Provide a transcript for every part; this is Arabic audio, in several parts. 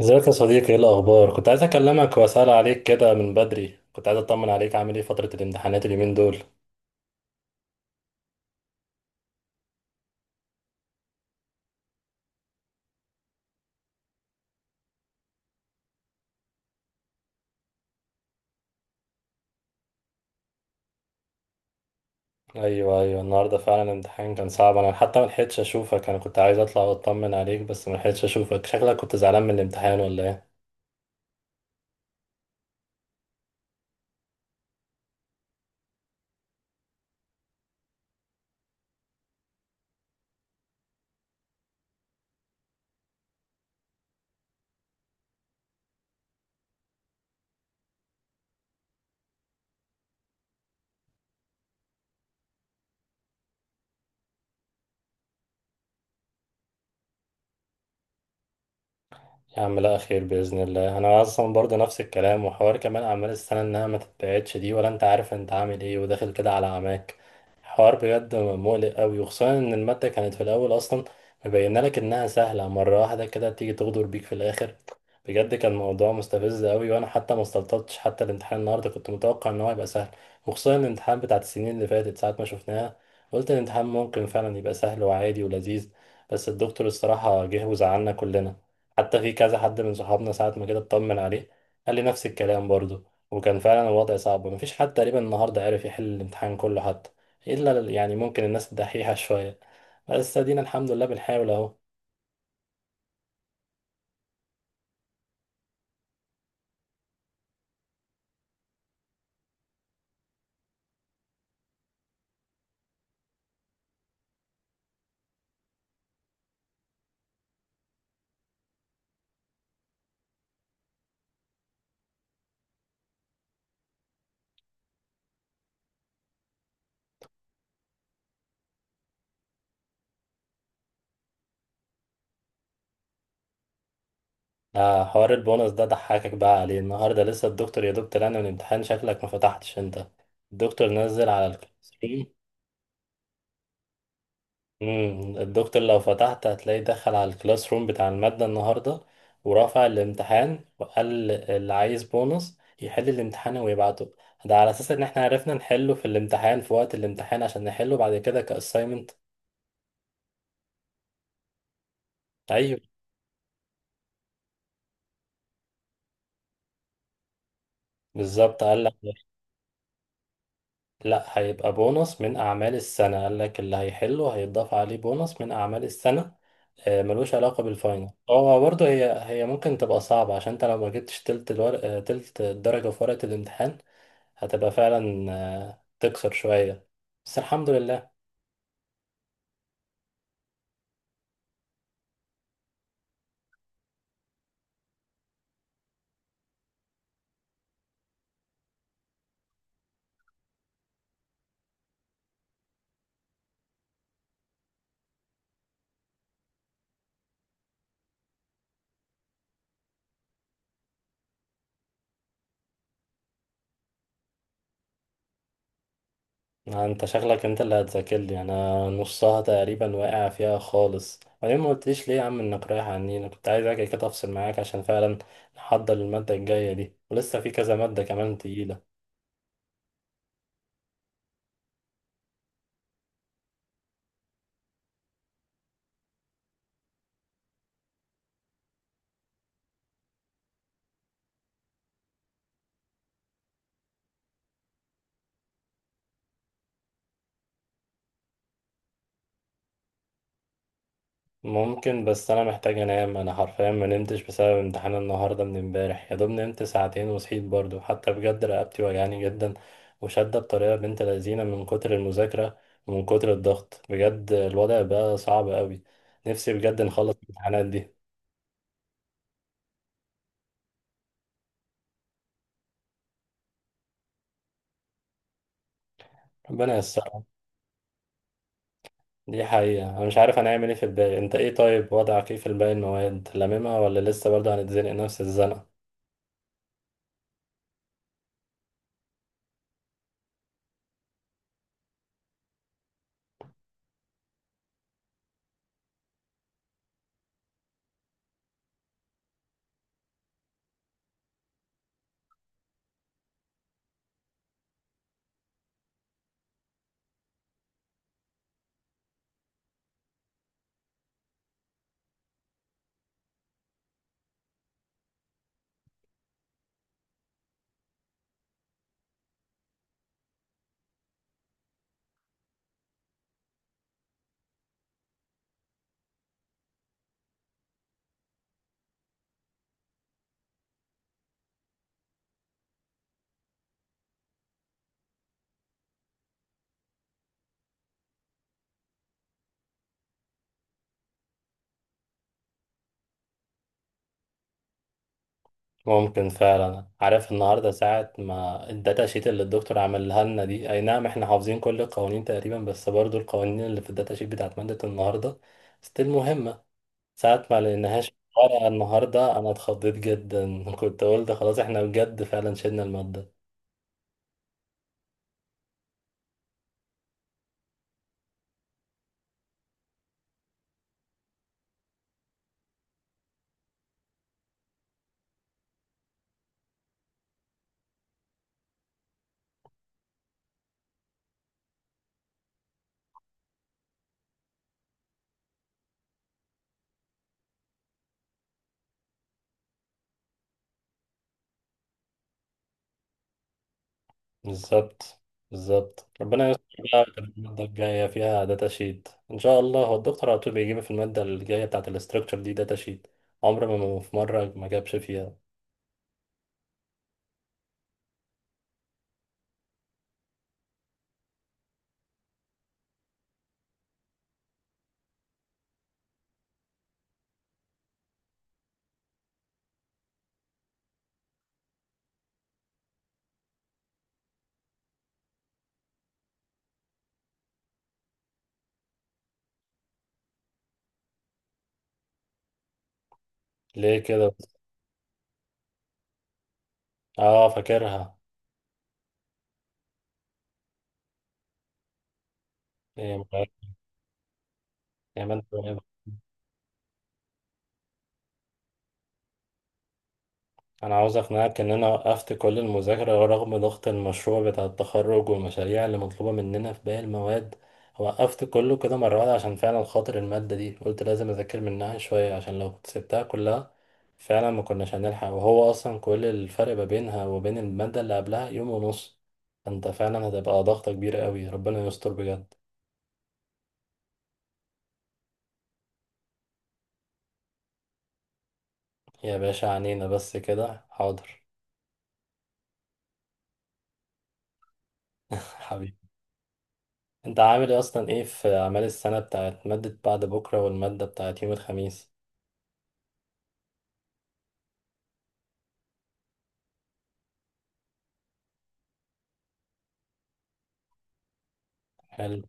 ازيك يا صديقي؟ ايه الاخبار؟ كنت عايز اكلمك واسال عليك كده من بدري، كنت عايز اطمن عليك. عامل ايه فتره الامتحانات اليومين دول؟ ايوه ايوه، النهارده فعلا الامتحان كان صعب. انا حتى ما لحقتش اشوفك، انا كنت عايز اطلع واطمن عليك بس ما لحقتش اشوفك. شكلك كنت زعلان من الامتحان ولا ايه؟ يا عم لا خير بإذن الله. أنا أصلا برضه نفس الكلام، وحوار كمان أعمال السنة إنها ما تتبعتش دي، ولا أنت عارف أنت عامل إيه وداخل كده على عماك. حوار بجد مقلق أوي، وخصوصا إن المادة كانت في الأول أصلا مبينة لك إنها سهلة، مرة واحدة كده تيجي تغدر بيك في الآخر. بجد كان موضوع مستفز أوي، وأنا حتى ما استلطفتش. حتى الامتحان النهاردة كنت متوقع إن هو هيبقى سهل، وخصوصا الامتحان بتاعت السنين اللي فاتت ساعة ما شفناها قلت الامتحان ممكن فعلا يبقى سهل وعادي ولذيذ. بس الدكتور الصراحة جه وزعلنا كلنا. حتى في كذا حد من صحابنا ساعة ما كده اطمن عليه قال لي نفس الكلام برضه، وكان فعلا الوضع صعب. مفيش حد تقريبا النهاردة عرف يحل الامتحان كله، حتى يعني ممكن الناس الدحيحة شوية. بس ادينا الحمد لله بنحاول اهو. آه، حوار البونص ده ضحكك بقى عليه النهاردة. لسه الدكتور، يا دكتور، أنا من الامتحان شكلك ما فتحتش انت. الدكتور نزل على الكلاس. الدكتور لو فتحت هتلاقيه دخل على الكلاس روم بتاع المادة النهاردة، ورفع الامتحان وقال اللي عايز بونص يحل الامتحان ويبعته. ده على اساس ان احنا عرفنا نحله في الامتحان في وقت الامتحان، عشان نحله بعد كده كاساينمنت. ايوه، بالظبط قال لك. لا، هيبقى بونص من اعمال السنة. قال لك اللي هيحله هيتضاف عليه بونص من اعمال السنة، ملوش علاقة بالفاينل. هو برضه هي ممكن تبقى صعبة، عشان انت لو ما جبتش تلت الورق، تلت الدرجة في ورقة الامتحان هتبقى فعلا، تكسر شوية، بس الحمد لله. ما انت شغلك، انت اللي هتذاكر لي انا. نصها تقريبا واقع فيها خالص. وبعدين ما قلتليش ليه يا عم انك رايح عني؟ انا كنت عايز اجي كده افصل معاك، عشان فعلا نحضر المادة الجاية دي ولسه في كذا مادة كمان تقيلة. ممكن بس انا محتاج انام. انا حرفيا ما نمتش بسبب امتحان النهارده من امبارح، يا دوب نمت ساعتين وصحيت برضو. حتى بجد رقبتي وجعاني جدا وشادة بطريقه بنت لذينه من كتر المذاكره، ومن كتر الضغط. بجد الوضع بقى صعب قوي، نفسي بجد نخلص الامتحانات دي. ربنا ييسرها. دي حقيقه انا مش عارف انا هعمل ايه في الباقي. انت ايه طيب وضعك ايه في الباقي المواد؟ لاممها ولا لسه برضه هنتزنق نفس الزنقه؟ ممكن فعلا. عارف النهارده ساعة ما الداتا شيت اللي الدكتور عملها لنا دي، اي نعم احنا حافظين كل القوانين تقريبا، بس برضو القوانين اللي في الداتا شيت بتاعت مادة النهارده ستيل مهمة. ساعة ما لقيناهاش في الورقة النهارده انا اتخضيت جدا كنت قلت خلاص احنا بجد فعلا شلنا المادة. بالظبط. بالظبط، ربنا يستر بقى. وتبقى المادة الجاية فيها داتا شيت ان شاء الله. هو الدكتور على طول بيجيب في المادة الجاية بتاعت الاستراكشر دي داتا شيت، عمر ما في مرة ما جابش فيها. ليه كده؟ اه فاكرها. هي مغيرة كمان رهيبة. انا عاوز اقنعك ان انا وقفت كل المذاكرة رغم ضغط المشروع بتاع التخرج والمشاريع اللي مطلوبة مننا في باقي المواد. وقفت كله كده مرة واحدة عشان فعلا خاطر المادة دي، قلت لازم اذاكر منها شوية، عشان لو كنت سبتها كلها فعلا ما كناش هنلحق. وهو اصلا كل الفرق ما بينها وبين المادة اللي قبلها يوم ونص، انت فعلا هتبقى ضغطة كبيرة قوي. ربنا يستر بجد. يا باشا عنينا، بس كده حاضر. حبيبي. انت عامل ايه اصلا ايه في اعمال السنه بتاعت ماده بعد بكره والماده بتاعت يوم الخميس؟ حلو.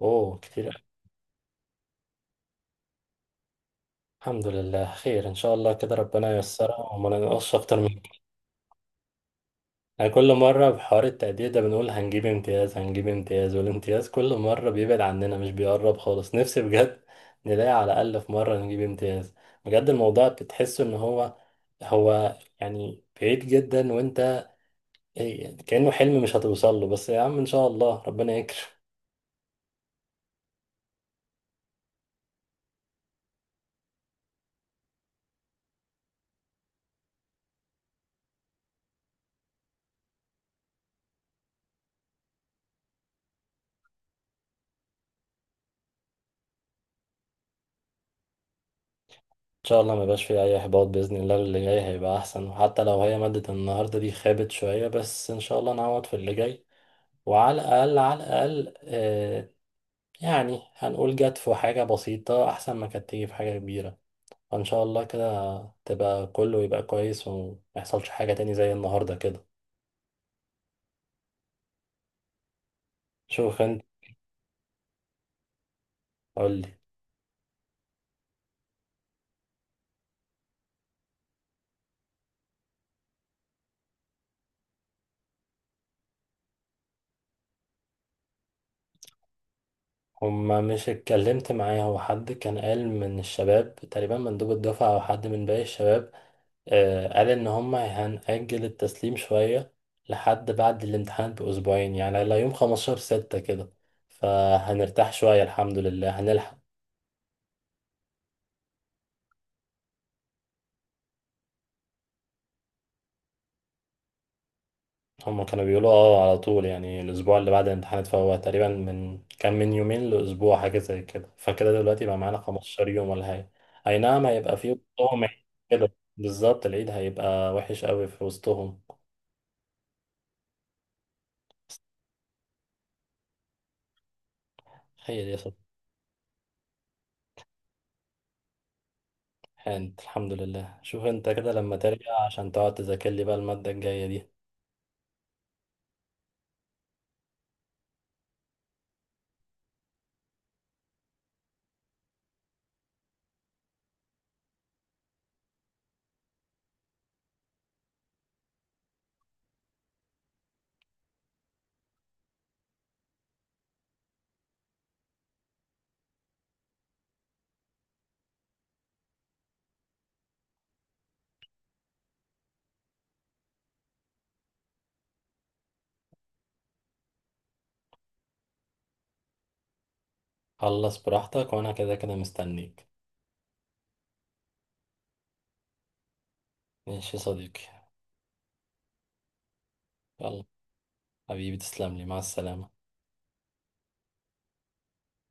اوه، كتير أوي. الحمد لله خير ان شاء الله كده، ربنا ييسرها وما ننقصش اكتر من كده. يعني كل مره بحوار التقدير ده بنقول هنجيب امتياز، هنجيب امتياز، والامتياز كل مره بيبعد عننا مش بيقرب خالص. نفسي بجد نلاقي على الاقل في مره نجيب امتياز. بجد الموضوع بتحس ان هو، هو يعني بعيد جدا، وانت كأنه حلم مش هتوصل له. بس يا عم ان شاء الله ربنا يكرم. ان شاء الله ما يبقاش فيه اي احباط باذن الله، اللي جاي هيبقى احسن. وحتى لو هي مادة النهارده دي خابت شوية، بس ان شاء الله نعوض في اللي جاي. وعلى الاقل، على الاقل يعني هنقول جت في حاجة بسيطة احسن ما كانت تيجي في حاجة كبيرة. فان شاء الله كده تبقى كله يبقى كويس، وما يحصلش حاجة تاني زي النهارده كده. شوف انت. قولي. هما مش اتكلمت معايا، هو حد كان قال من الشباب تقريبا مندوب الدفعة او حد من باقي الشباب، قال ان هم هنأجل التسليم شوية لحد بعد الامتحان بأسبوعين، يعني على يوم 15 ستة كده، فهنرتاح شوية الحمد لله هنلحق. هم كانوا بيقولوا اه على طول يعني الأسبوع اللي بعد الامتحانات، فهو تقريبا من كان من يومين لأسبوع حاجة زي كده، فكده دلوقتي بقى معانا 15 يوم ولا حاجة. أي نعم، هيبقى في وسطهم عيد. كده بالظبط، العيد هيبقى وحش قوي في وسطهم. خير يا، سبحان الحمد لله. شوف انت كده لما ترجع عشان تقعد تذاكر لي بقى المادة الجاية دي. خلص براحتك، وانا كده كده مستنيك. ماشي يا صديقي. يلا. حبيبي تسلم لي، مع السلامة.